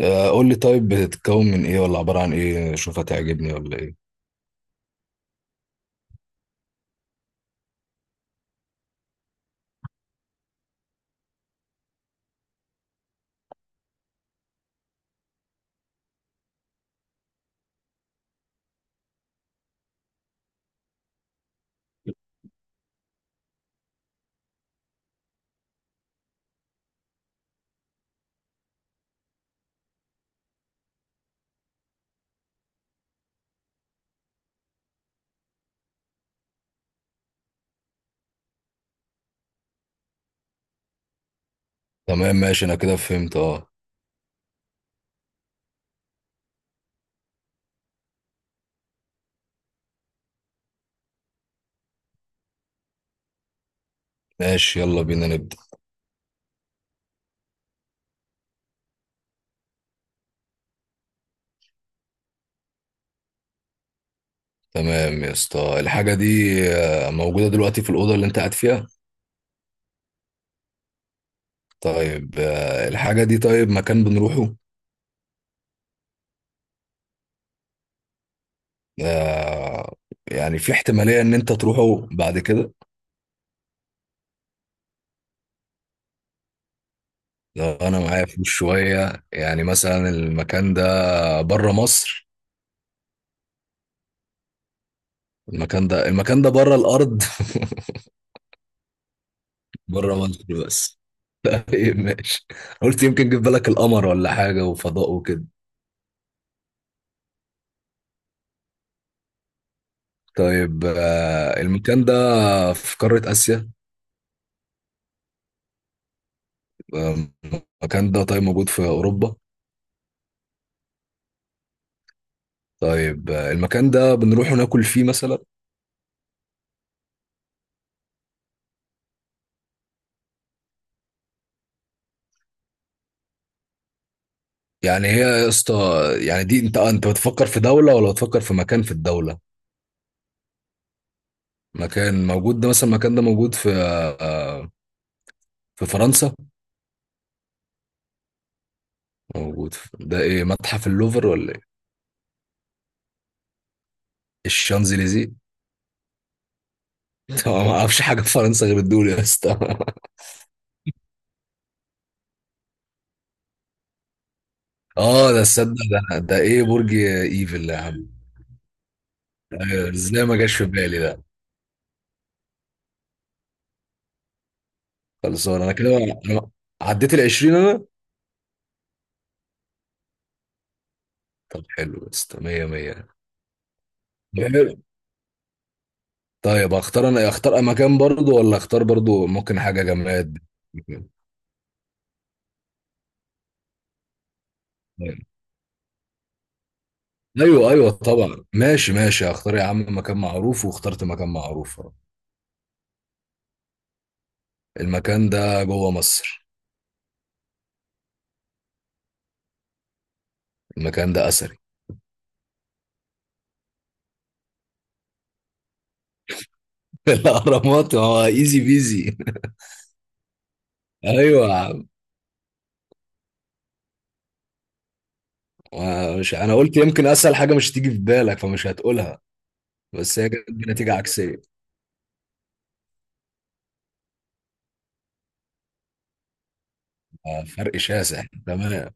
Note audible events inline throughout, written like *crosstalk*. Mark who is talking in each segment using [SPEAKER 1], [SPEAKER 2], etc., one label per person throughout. [SPEAKER 1] آه، قول لي طيب بتتكون من ايه ولا عبارة عن ايه؟ شوف هتعجبني ولا ايه. تمام ماشي انا كده فهمت اه. ماشي يلا بينا نبدأ. تمام يا اسطى، الحاجة دي موجودة دلوقتي في الأوضة اللي انت قاعد فيها؟ طيب الحاجة دي طيب مكان بنروحه؟ آه، يعني في احتمالية ان انت تروحه بعد كده؟ لو انا معايا فلوس شوية، يعني مثلا المكان ده بره مصر؟ المكان ده بره الأرض؟ *laughs* بره مصر بس. طيب ماشي، قلت يمكن جه في بالك القمر ولا حاجة وفضاء وكده. طيب المكان ده في قارة آسيا؟ آه، المكان ده طيب موجود في أوروبا؟ طيب المكان ده بنروح ناكل فيه مثلا؟ يعني هي يا اسطى، يعني دي انت انت بتفكر في دولة ولا بتفكر في مكان في الدولة؟ مكان موجود ده، مثلا المكان ده موجود في آه، في فرنسا؟ موجود في، ده ايه؟ متحف اللوفر ولا ايه؟ الشانزليزيه؟ *laughs* طبعا ما اعرفش حاجة في فرنسا غير الدول يا اسطى. اه ده، تصدق؟ ده ايه؟ برج ايفل يا عم. آه، ازاي ما جاش في بالي ده؟ خلصان انا كده. أنا عديت ال 20 انا. طب حلو، بس 100 100 طب. حلو. طيب اختار انا، اختار مكان برضو ولا اختار برضو ممكن حاجه جماد؟ طيب. ايوه ايوه طبعا، ماشي ماشي، اختار يا عم مكان معروف. واخترت مكان معروف أهو. المكان ده جوه مصر. المكان ده اثري. *laughs* الاهرامات هو، ايزي بيزي. *laughs* ايوه. مش انا قلت يمكن اسهل حاجه مش تيجي في بالك فمش هتقولها؟ بس هي جت بنتيجه عكسيه. آه، فرق شاسع تمام.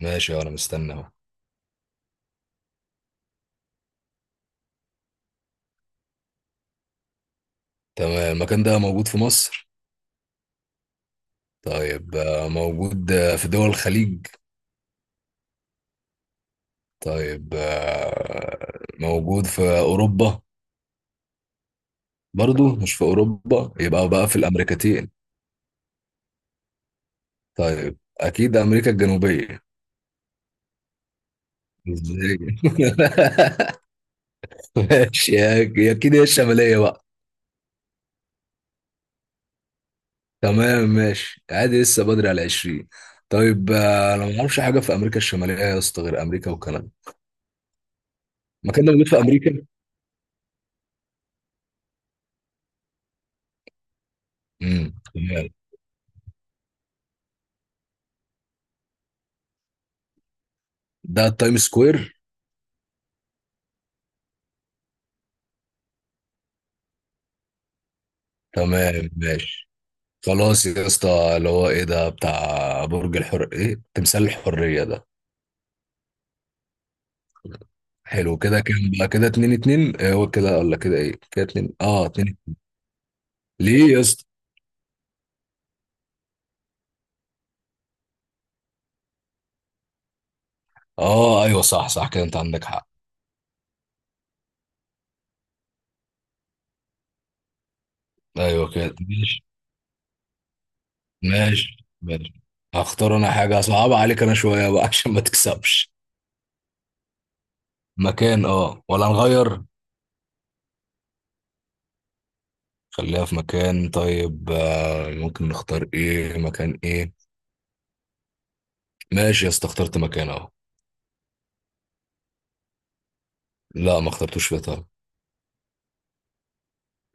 [SPEAKER 1] ماشي، وانا مستني اهو. تمام، المكان ده موجود في مصر؟ طيب موجود في دول الخليج؟ طيب موجود في اوروبا؟ برضو مش في اوروبا؟ يبقى بقى في الامريكتين. طيب اكيد امريكا الجنوبيه. ازاي؟ *laughs* ماشي اكيد هي الشماليه بقى. تمام ماشي، عادي لسه بدري على 20. طيب انا ما اعرفش حاجه في امريكا الشماليه يا اسطى غير امريكا وكندا. مكان ده موجود في امريكا. تمام. ده التايم سكوير؟ تمام ماشي. خلاص يا اسطى، اللي هو ايه ده، بتاع برج الحر، ايه؟ تمثال الحريه ده؟ حلو. كده كام بقى؟ كده اتنين اتنين. إيه، هو كده ولا كده؟ ايه كده؟ اتنين اه اتنين. ليه يا اسطى؟ اه ايوه صح صح، كده انت عندك حق. ايوه كده. ماشي ماشي. هختار انا حاجة صعبة عليك انا شوية بقى *laughs* عشان ما تكسبش. مكان اه، ولا نغير؟ خليها في مكان. طيب ممكن نختار ايه؟ مكان ايه؟ ماشي يا اسطى، اخترت مكان اهو. لا ما اخترتوش في ايطاليا.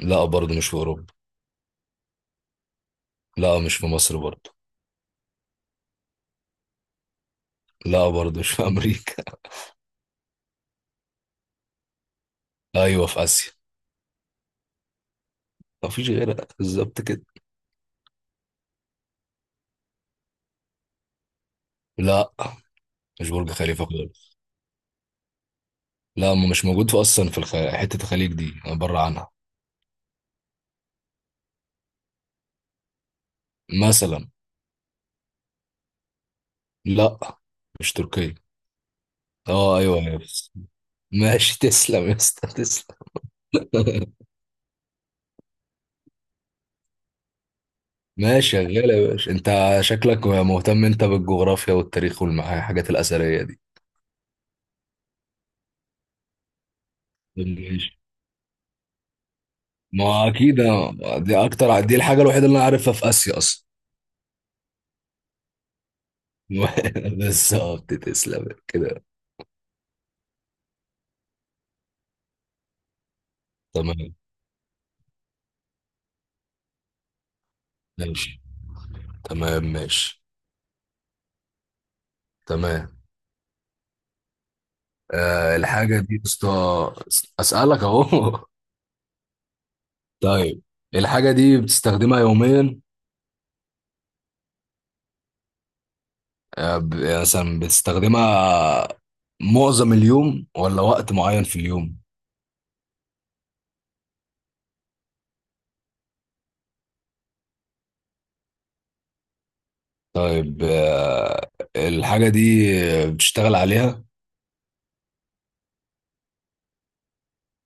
[SPEAKER 1] لا برضه مش في اوروبا. لا مش في مصر برضه. لا برضه مش في امريكا. *laughs* ايوه في اسيا. ما فيش غيرها بالظبط كده. لا مش برج خليفة خالص. لا، ما مش موجود في اصلا في حتة الخليج دي انا بره عنها. مثلا. لا مش تركيا. اه ايوه يا، بس ماشي تسلم يا اسطى تسلم. *laughs* ماشي شغال يا باشا انت، شكلك مهتم انت بالجغرافيا والتاريخ والحاجات الاثريه دي. طب ماشي، ما اكيد دي اكتر، دي الحاجه الوحيده اللي انا عارفها في اسيا اصلا. *laughs* بالظبط تسلم كده. تمام ماشي. تمام ماشي. تمام. آه الحاجه دي يا اسطى، اسالك اهو. *laughs* طيب، الحاجه دي بتستخدمها يوميا؟ آه، يعني مثلا بتستخدمها معظم اليوم ولا وقت معين في اليوم؟ طيب الحاجة دي بتشتغل عليها؟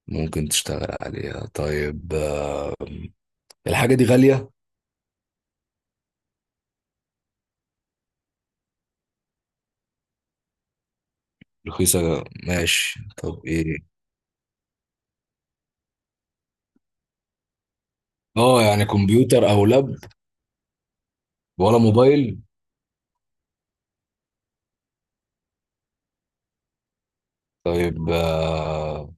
[SPEAKER 1] ممكن تشتغل عليها. طيب الحاجة دي غالية؟ رخيصة ماشي، طب ايه؟ اه يعني كمبيوتر او لاب؟ ولا موبايل؟ طيب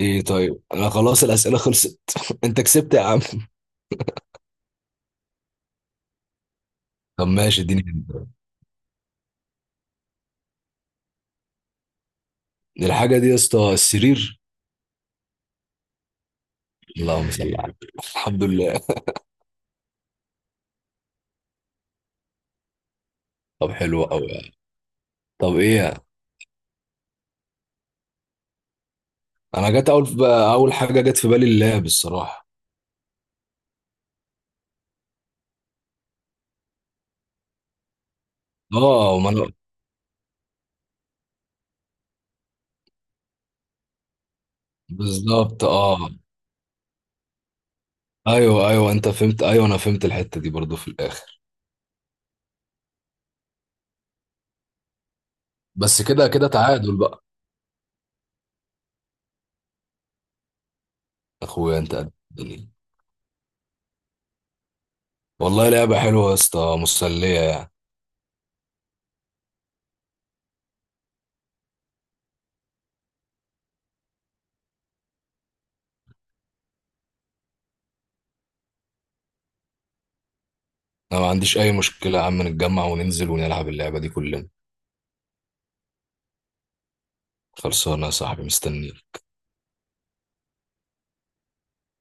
[SPEAKER 1] ايه طيب، انا خلاص الأسئلة خلصت. *laughs* انت كسبت يا عم. طب ماشي اديني هنت. الحاجة دي يا اسطى السرير. اللهم صل على النبي. الحمد لله. طب حلو قوي يعني. طب ايه؟ انا جت اول بقى، اول حاجه جت في بالي اللاب الصراحه. اه، وما انا بالظبط اه. ايوه ايوه انت فهمت، ايوه انا فهمت الحته دي برضو في الاخر. بس كده كده، تعادل بقى. اخويا انت قد الدنيا. والله لعبه حلوه يا اسطى، مسليه يعني. انا ما عنديش اي مشكله يا عم، نتجمع وننزل ونلعب اللعبه دي كلنا. خلصانه يا صاحبي، مستني.